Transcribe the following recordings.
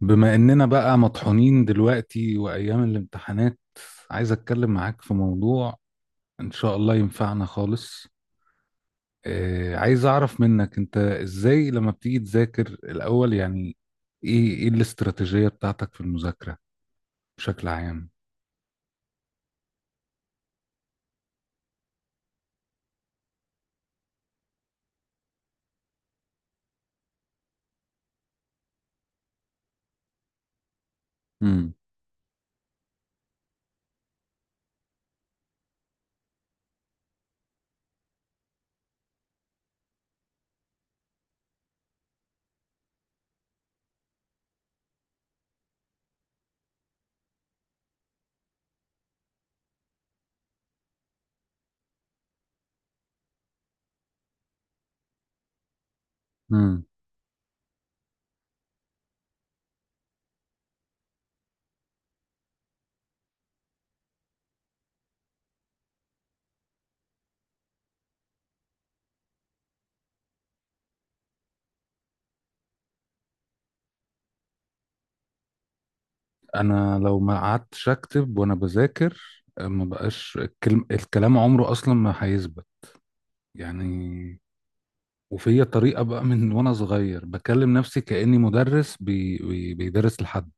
بما اننا بقى مطحونين دلوقتي وايام الامتحانات، عايز اتكلم معاك في موضوع ان شاء الله ينفعنا خالص. عايز اعرف منك انت ازاي لما بتيجي تذاكر الاول، يعني ايه الاستراتيجية بتاعتك في المذاكرة بشكل عام؟ امم امم انا لو ما قعدتش اكتب وانا بذاكر، ما بقاش الكلام عمره اصلا ما هيثبت يعني. وفي طريقة بقى من وانا صغير بكلم نفسي كأني مدرس بيدرس لحد.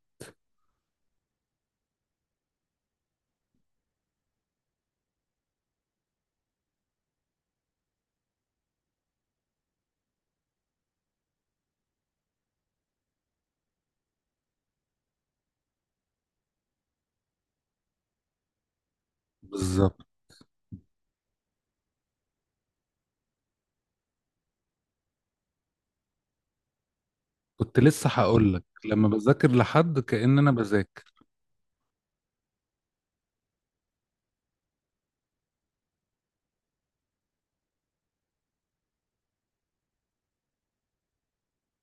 بالظبط. كنت لسه هقول لك لما بذاكر لحد كأن انا بذاكر.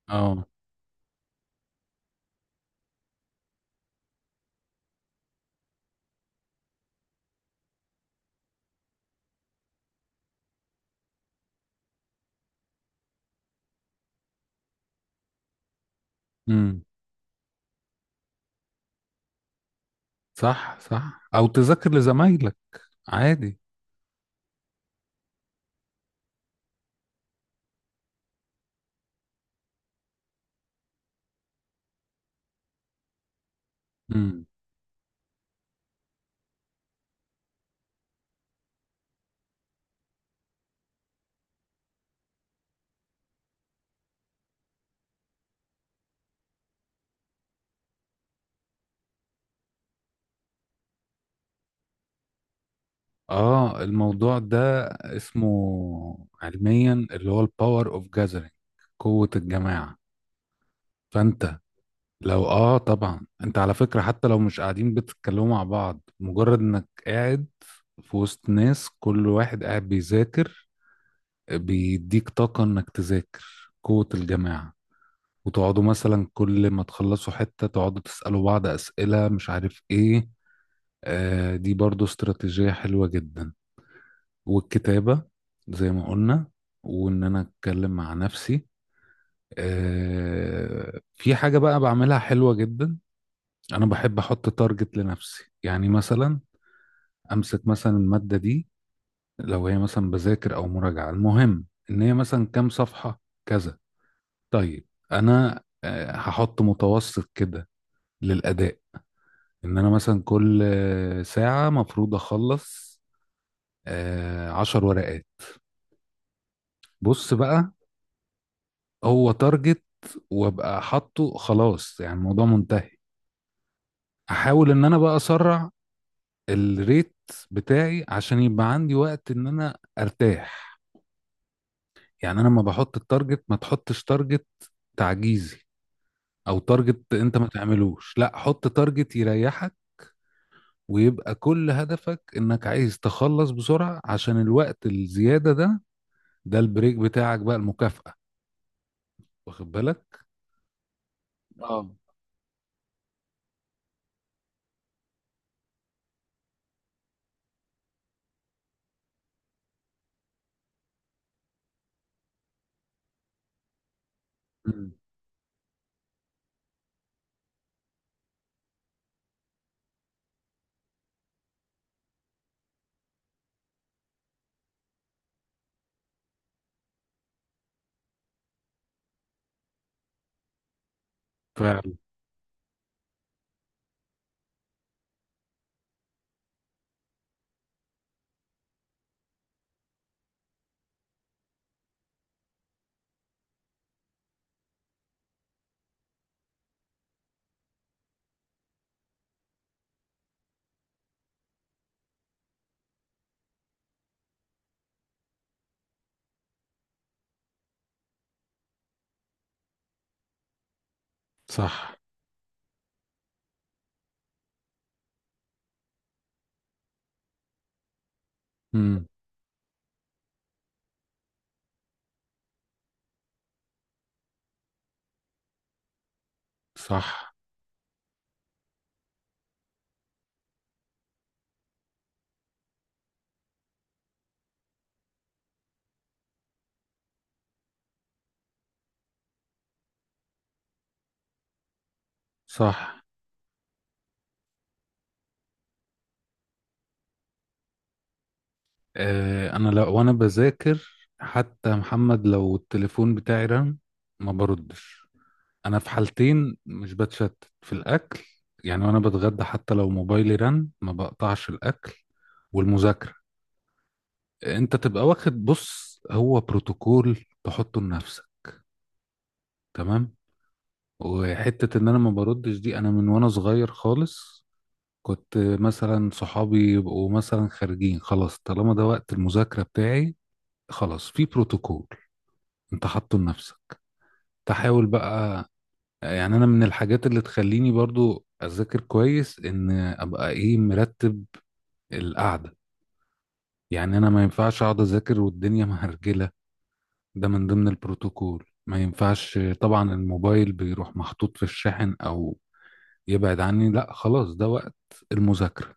اه. امم. صح، صح، او تذاكر لزمايلك عادي. امم. اه الموضوع ده اسمه علميا اللي هو الباور اوف جاذرينج، قوة الجماعة. فانت لو طبعا، انت على فكرة، حتى لو مش قاعدين بتتكلموا مع بعض، مجرد انك قاعد في وسط ناس كل واحد قاعد بيذاكر، بيديك طاقة انك تذاكر، قوة الجماعة. وتقعدوا مثلا كل ما تخلصوا حتة تقعدوا تسألوا بعض أسئلة مش عارف ايه. دي برضو استراتيجية حلوة جدا، والكتابة زي ما قلنا، وان انا اتكلم مع نفسي. في حاجة بقى بعملها حلوة جدا، انا بحب احط تارجت لنفسي، يعني مثلا امسك مثلا المادة دي، لو هي مثلا بذاكر او مراجعة، المهم ان هي مثلا كام صفحة، كذا. طيب، انا هحط متوسط كده للاداء، ان انا مثلا كل ساعة مفروض اخلص 10 ورقات. بص بقى، هو تارجت، وابقى حاطه خلاص يعني الموضوع منتهي. احاول ان انا بقى اسرع الريت بتاعي عشان يبقى عندي وقت ان انا ارتاح. يعني انا لما بحط التارجت، ما تحطش تارجت تعجيزي، او تارجت انت ما تعملوش، لا، حط تارجت يريحك، ويبقى كل هدفك انك عايز تخلص بسرعة عشان الوقت الزيادة ده، ده البريك بتاعك بقى، المكافأة. واخد بالك؟ اه. مم. فعلا. صح. مم. صح، صح. انا لو وانا بذاكر، حتى محمد، لو التليفون بتاعي رن، ما بردش. انا في حالتين مش بتشتت، في الاكل، يعني وانا بتغدى حتى لو موبايلي رن ما بقطعش الاكل، والمذاكره. انت تبقى واخد، بص، هو بروتوكول تحطه لنفسك، تمام. وحته ان انا ما بردش دي، انا من وانا صغير خالص كنت مثلا صحابي يبقوا مثلا خارجين، خلاص طالما ده وقت المذاكره بتاعي، خلاص، في بروتوكول انت حاطه لنفسك. تحاول بقى، يعني انا من الحاجات اللي تخليني برضو اذاكر كويس، ان ابقى ايه، مرتب القعده. يعني انا ما ينفعش اقعد اذاكر والدنيا مهرجله، ده من ضمن البروتوكول. ما ينفعش طبعا الموبايل بيروح محطوط في الشاحن او يبعد عني، لا، خلاص، ده وقت المذاكره.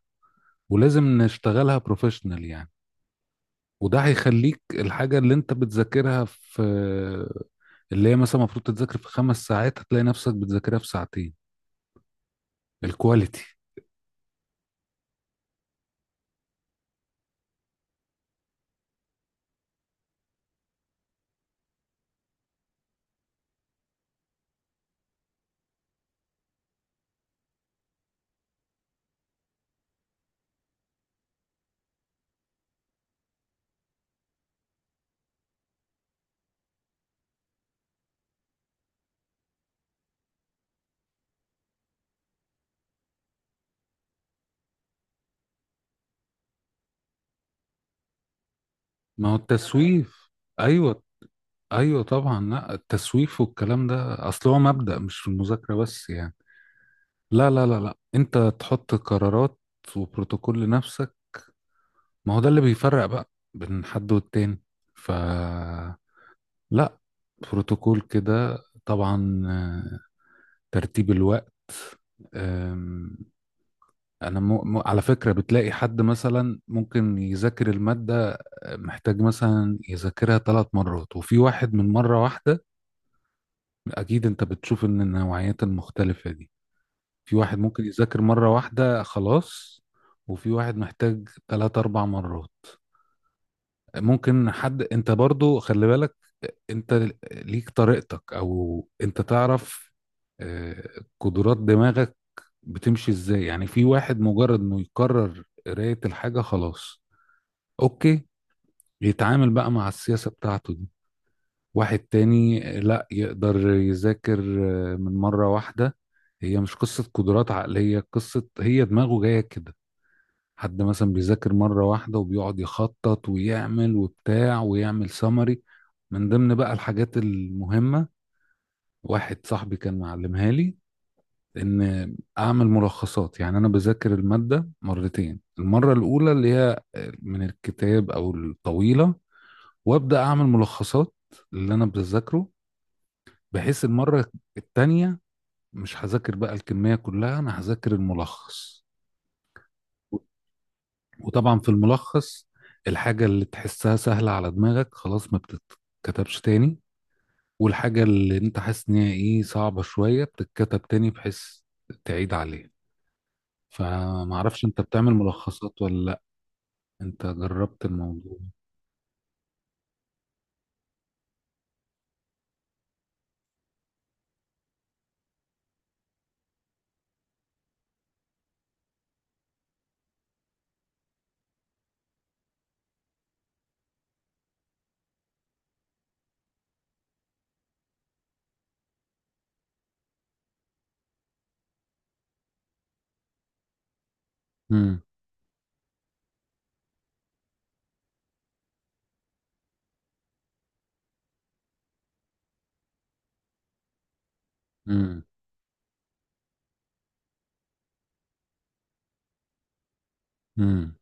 ولازم نشتغلها بروفيشنال يعني. وده هيخليك الحاجة اللي انت بتذاكرها في، اللي هي مثلا المفروض تتذاكر في 5 ساعات هتلاقي نفسك بتذاكرها في ساعتين، الكواليتي. ما هو التسويف. ايوه، ايوه، طبعا. لا، التسويف والكلام ده اصل هو مبدأ مش في المذاكره بس يعني. لا، لا، لا، لا، انت تحط قرارات وبروتوكول لنفسك. ما هو ده اللي بيفرق بقى بين حد والتاني. ف، لا، بروتوكول كده طبعا، ترتيب الوقت. آم، انا على فكره بتلاقي حد مثلا ممكن يذاكر الماده، محتاج مثلا يذاكرها 3 مرات، وفي واحد من مره واحده. اكيد انت بتشوف ان النوعيات المختلفة دي، في واحد ممكن يذاكر مرة واحدة خلاص، وفي واحد محتاج ثلاث اربع مرات. ممكن حد، انت برضو خلي بالك، انت ليك طريقتك او انت تعرف قدرات دماغك بتمشي ازاي، يعني في واحد مجرد انه يكرر قراية الحاجة خلاص، اوكي، يتعامل بقى مع السياسة بتاعته دي. واحد تاني لا يقدر يذاكر من مرة واحدة. هي مش قصة قدرات عقلية، قصة هي دماغه جاية كده. حد مثلا بيذاكر مرة واحدة وبيقعد يخطط ويعمل وبتاع، ويعمل سمري، من ضمن بقى الحاجات المهمة. واحد صاحبي كان معلمها لي ان اعمل ملخصات، يعني انا بذاكر المادة مرتين، المرة الاولى اللي هي من الكتاب او الطويلة، وابدا اعمل ملخصات اللي انا بذاكره، بحيث المرة التانية مش هذاكر بقى الكمية كلها، أنا هذاكر الملخص. وطبعا في الملخص الحاجة اللي تحسها سهلة على دماغك خلاص ما بتتكتبش تاني، والحاجة اللي انت حاسس ان هي ايه صعبة شوية بتتكتب تاني بحيث تعيد عليها. فمعرفش انت بتعمل ملخصات ولا لا، انت جربت الموضوع؟ مم. مم. مم.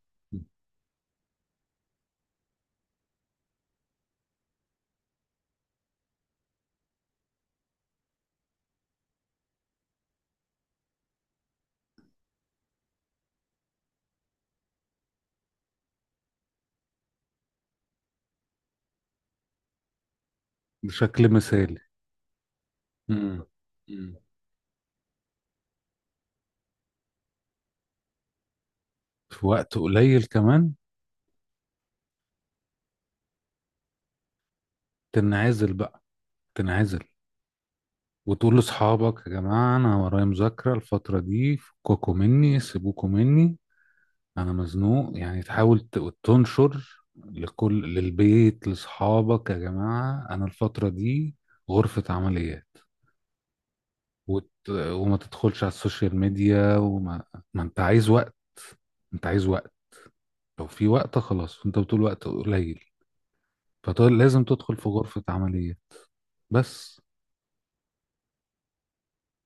بشكل مثالي. مم. مم. في وقت قليل كمان. تنعزل بقى، تنعزل، وتقول لاصحابك يا جماعه انا ورايا مذاكره الفتره دي، فكوكوا مني، سيبوكوا مني، انا مزنوق يعني. تحاول تنشر للبيت لاصحابك، يا جماعه انا الفتره دي غرفه عمليات. وما تدخلش على السوشيال ميديا وما ما انت عايز وقت، انت عايز وقت. لو في وقت خلاص، انت بتقول وقت قليل، فلازم تدخل في غرفه عمليات. بس.